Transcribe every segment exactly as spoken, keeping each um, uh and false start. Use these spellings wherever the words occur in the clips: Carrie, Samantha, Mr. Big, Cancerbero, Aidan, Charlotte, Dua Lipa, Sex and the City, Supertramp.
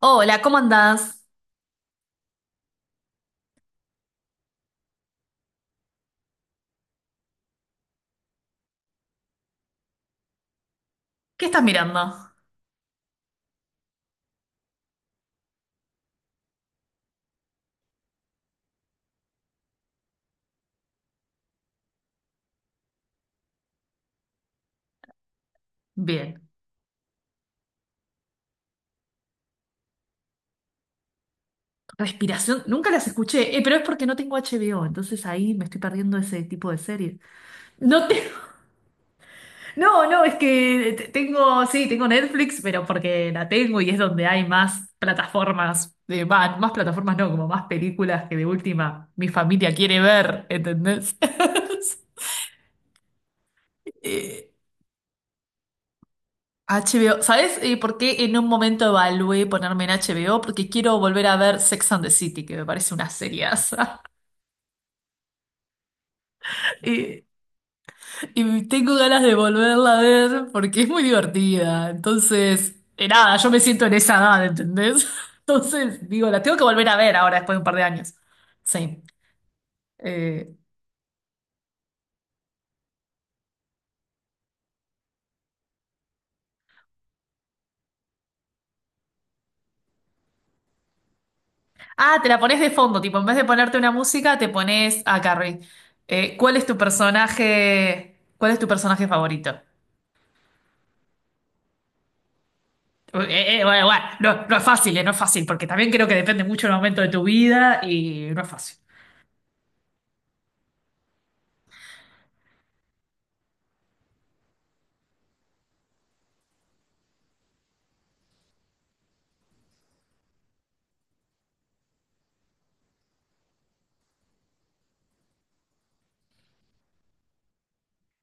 Hola, ¿cómo andás? ¿Qué estás mirando? Bien. Respiración, nunca las escuché, eh, pero es porque no tengo H B O, entonces ahí me estoy perdiendo ese tipo de series. No te- no, no, es que te- tengo, sí, tengo Netflix, pero porque la tengo y es donde hay más plataformas, de, va, más plataformas no, como más películas que de última mi familia quiere ver, ¿entendés? Eh, H B O, ¿sabes eh, por qué en un momento evalué ponerme en H B O? Porque quiero volver a ver Sex and the City, que me parece una seriaza. Y, y tengo ganas de volverla a ver porque es muy divertida. Entonces, eh, nada, yo me siento en esa edad, ¿entendés? Entonces, digo, la tengo que volver a ver ahora después de un par de años. Sí. Eh, Ah, te la pones de fondo, tipo, en vez de ponerte una música, te pones a Carrie. Eh, ¿cuál es tu personaje? ¿Cuál es tu personaje favorito? Eh, eh, eh, bueno, bueno, no, no es fácil, eh, no es fácil, porque también creo que depende mucho del momento de tu vida y no es fácil.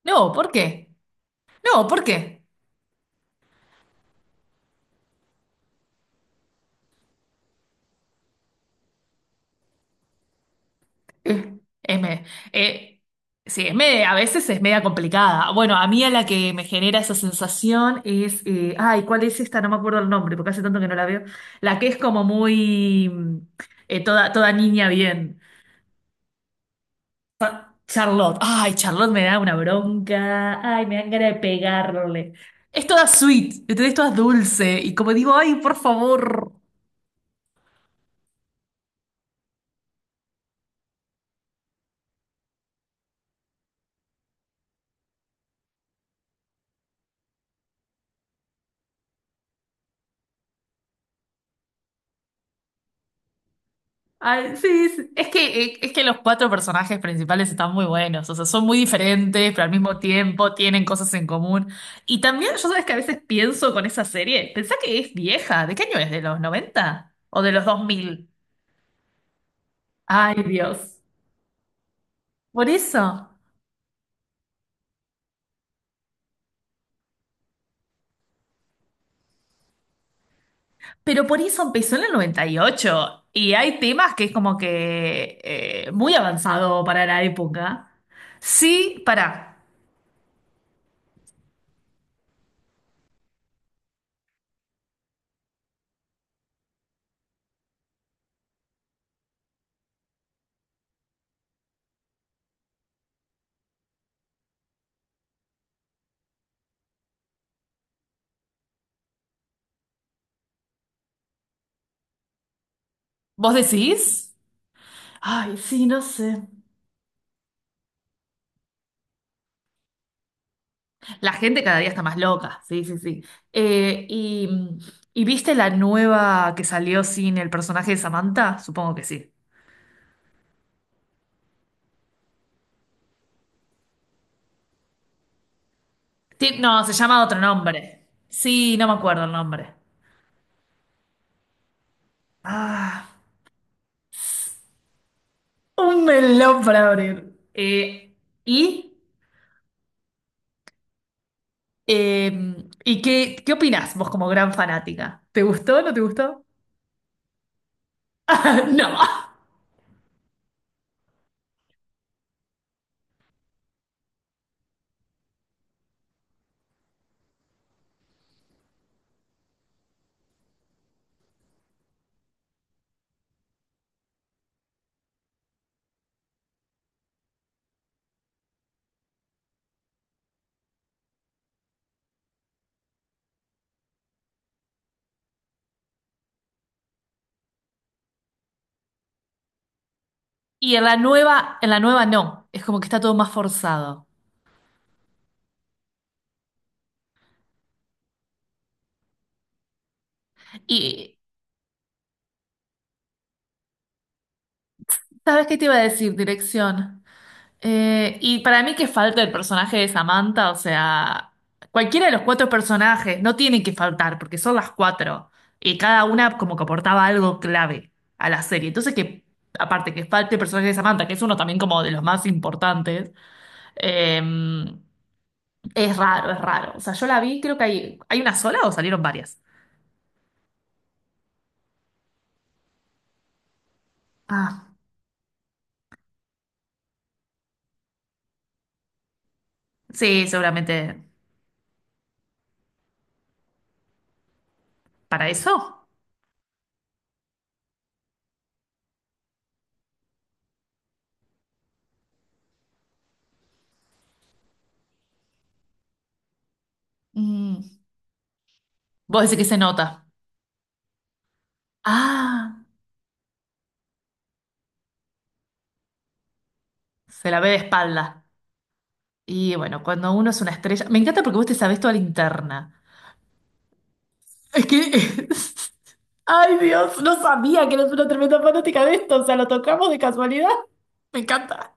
No, ¿por qué? No, ¿por qué? Eh, es me- eh, sí, es me- a veces es media complicada. Bueno, a mí a la que me genera esa sensación es, eh, ay, ¿cuál es esta? No me acuerdo el nombre, porque hace tanto que no la veo. La que es como muy, mm, eh, toda, toda niña bien. Charlotte, ay, Charlotte me da una bronca, ay, me dan ganas de pegarle. Es toda sweet, ¿entendés? Es toda dulce, y como digo, ay, por favor. Ay, sí, sí. Es que, eh, es que los cuatro personajes principales están muy buenos, o sea, son muy diferentes, pero al mismo tiempo tienen cosas en común. Y también, yo sabes que a veces pienso con esa serie, pensá que es vieja, ¿de qué año es? ¿De los noventa o de los dos mil? Ay, Dios. Por eso. Pero por eso empezó en el noventa y ocho y ocho y hay temas que es como que eh, muy avanzado para la época. Sí, pará. ¿Vos decís? Ay, sí, no sé. La gente cada día está más loca, sí, sí, sí. Eh, y, ¿Y viste la nueva que salió sin el personaje de Samantha? Supongo que sí. Ti- No, se llama otro nombre. Sí, no me acuerdo el nombre. Ah, un melón para abrir. Eh, ¿y? Eh, ¿Y qué, qué opinás vos como gran fanática? ¿Te gustó o no te gustó? No. Y en la nueva, en la nueva no. Es como que está todo más forzado. Y, ¿sabes qué te iba a decir? Dirección. Eh, y para mí que falta el personaje de Samantha, o sea, cualquiera de los cuatro personajes no tienen que faltar, porque son las cuatro. Y cada una como que aportaba algo clave a la serie. Entonces que, aparte que falte el personaje de Samantha, que es uno también como de los más importantes. eh, Es raro, es raro. O sea, yo la vi, creo que hay, ¿hay una sola o salieron varias? Ah, sí, seguramente. ¿Para eso? mm, Vos decís que se nota. Ah, se la ve de espalda. Y bueno, cuando uno es una estrella. Me encanta porque vos te sabés toda la interna. Es que. Ay, Dios, no sabía que eres una tremenda fanática de esto. O sea, lo tocamos de casualidad. Me encanta.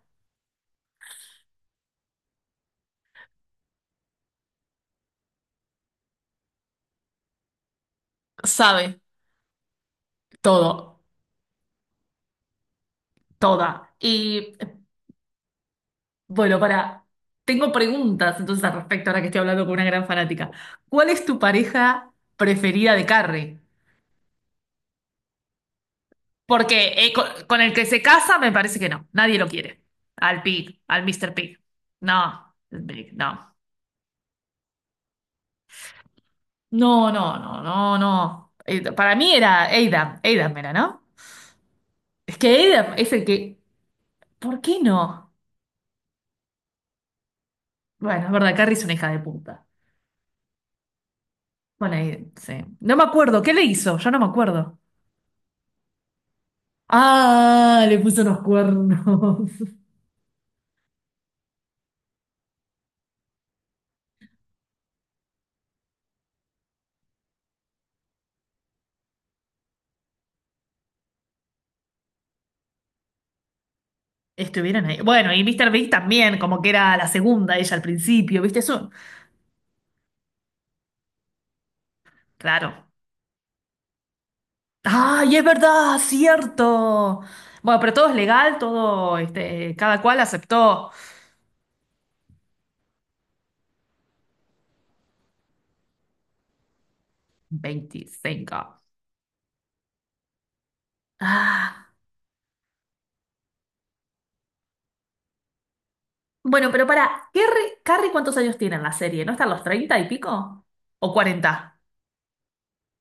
Sabe todo, toda. Y bueno, para. Tengo preguntas entonces al respecto, ahora que estoy hablando con una gran fanática. ¿Cuál es tu pareja preferida de Carrie? Porque eh, co- con, el que se casa me parece que no. Nadie lo quiere. Al Pig, al míster Pig. No, el Pig, no. No, no, no, no, no. Eh, para mí era Adam. Adam era, ¿no? Es que Adam es el que. ¿Por qué no? Bueno, es verdad, Carrie es una hija de puta. Bueno, ahí- sí. No me acuerdo. ¿Qué le hizo? Yo no me acuerdo. Ah, le puso unos cuernos. Estuvieron ahí. Bueno, y míster Big también, como que era la segunda ella al principio, ¿viste eso? Claro. ¡Ay, es verdad! ¡Cierto! Bueno, pero todo es legal, todo, este, cada cual aceptó veinticinco. Ah. Bueno, pero para, Carrie, Carrie, ¿cuántos años tiene en la serie? ¿No están los treinta y pico? ¿O cuarenta,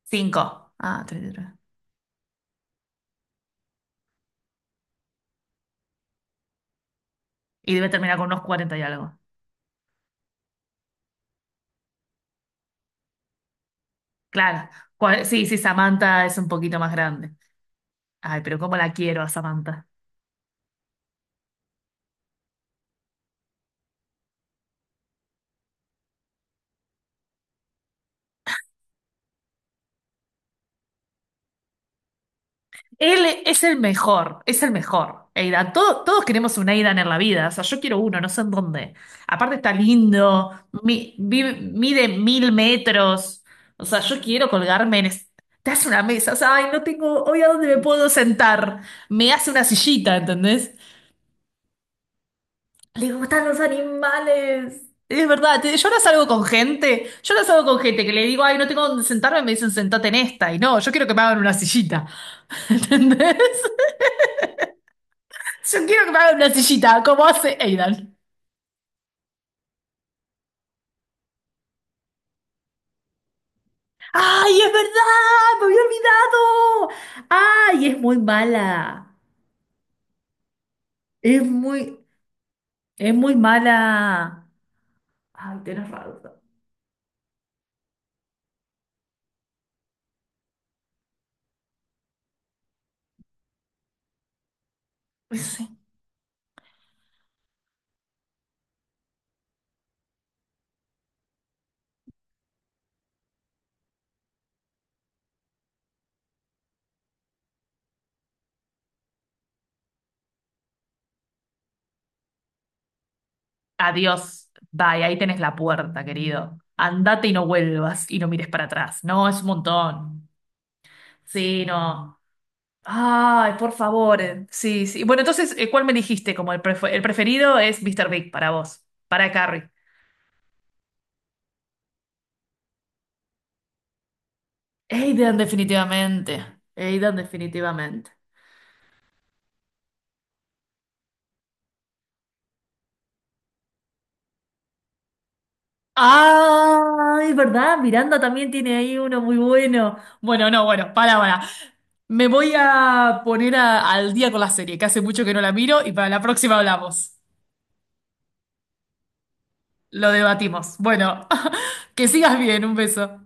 cinco? Ah, treinta Y tres. Y debe terminar con unos cuarenta y algo. Claro. Cua- Sí, sí, Samantha es un poquito más grande. Ay, pero cómo la quiero a Samantha. Él e, es el mejor, es el mejor. Aidan, todo- todos queremos un Aidan en la vida. O sea, yo quiero uno, no sé en dónde. Aparte está lindo, mi- vive- mide mil metros. O sea, yo quiero colgarme en... es- Te hace una mesa, o sea, ay, no tengo hoy a dónde me puedo sentar. Me hace una sillita, ¿entendés? Le gustan los animales. Es verdad, te- yo no salgo con gente, yo no salgo con gente que le digo, ay, no tengo dónde sentarme, me dicen sentate en esta, y no, yo quiero que me hagan una sillita. ¿Entendés? Yo quiero que me hagan una sillita, como hace Aidan. ¡Ay, es verdad! ¡Me había olvidado! ¡Ay, es muy mala! Es muy, es muy mala. Ay, tenés razón. Sí. Adiós. Bye, ahí tenés la puerta, querido. Andate y no vuelvas y no mires para atrás. No, es un montón. Sí, no. Ay, por favor. eh. Sí, sí. Bueno, entonces, eh, ¿cuál me dijiste? Como el, prefe- el preferido es míster Big para vos, para Carrie. Aidan, definitivamente. Aidan, definitivamente. Ay, ¿verdad? Miranda también tiene ahí uno muy bueno. Bueno, no, bueno, para, para. Me voy a poner a- al día con la serie, que hace mucho que no la miro y para la próxima hablamos. Lo debatimos. Bueno, que sigas bien, un beso.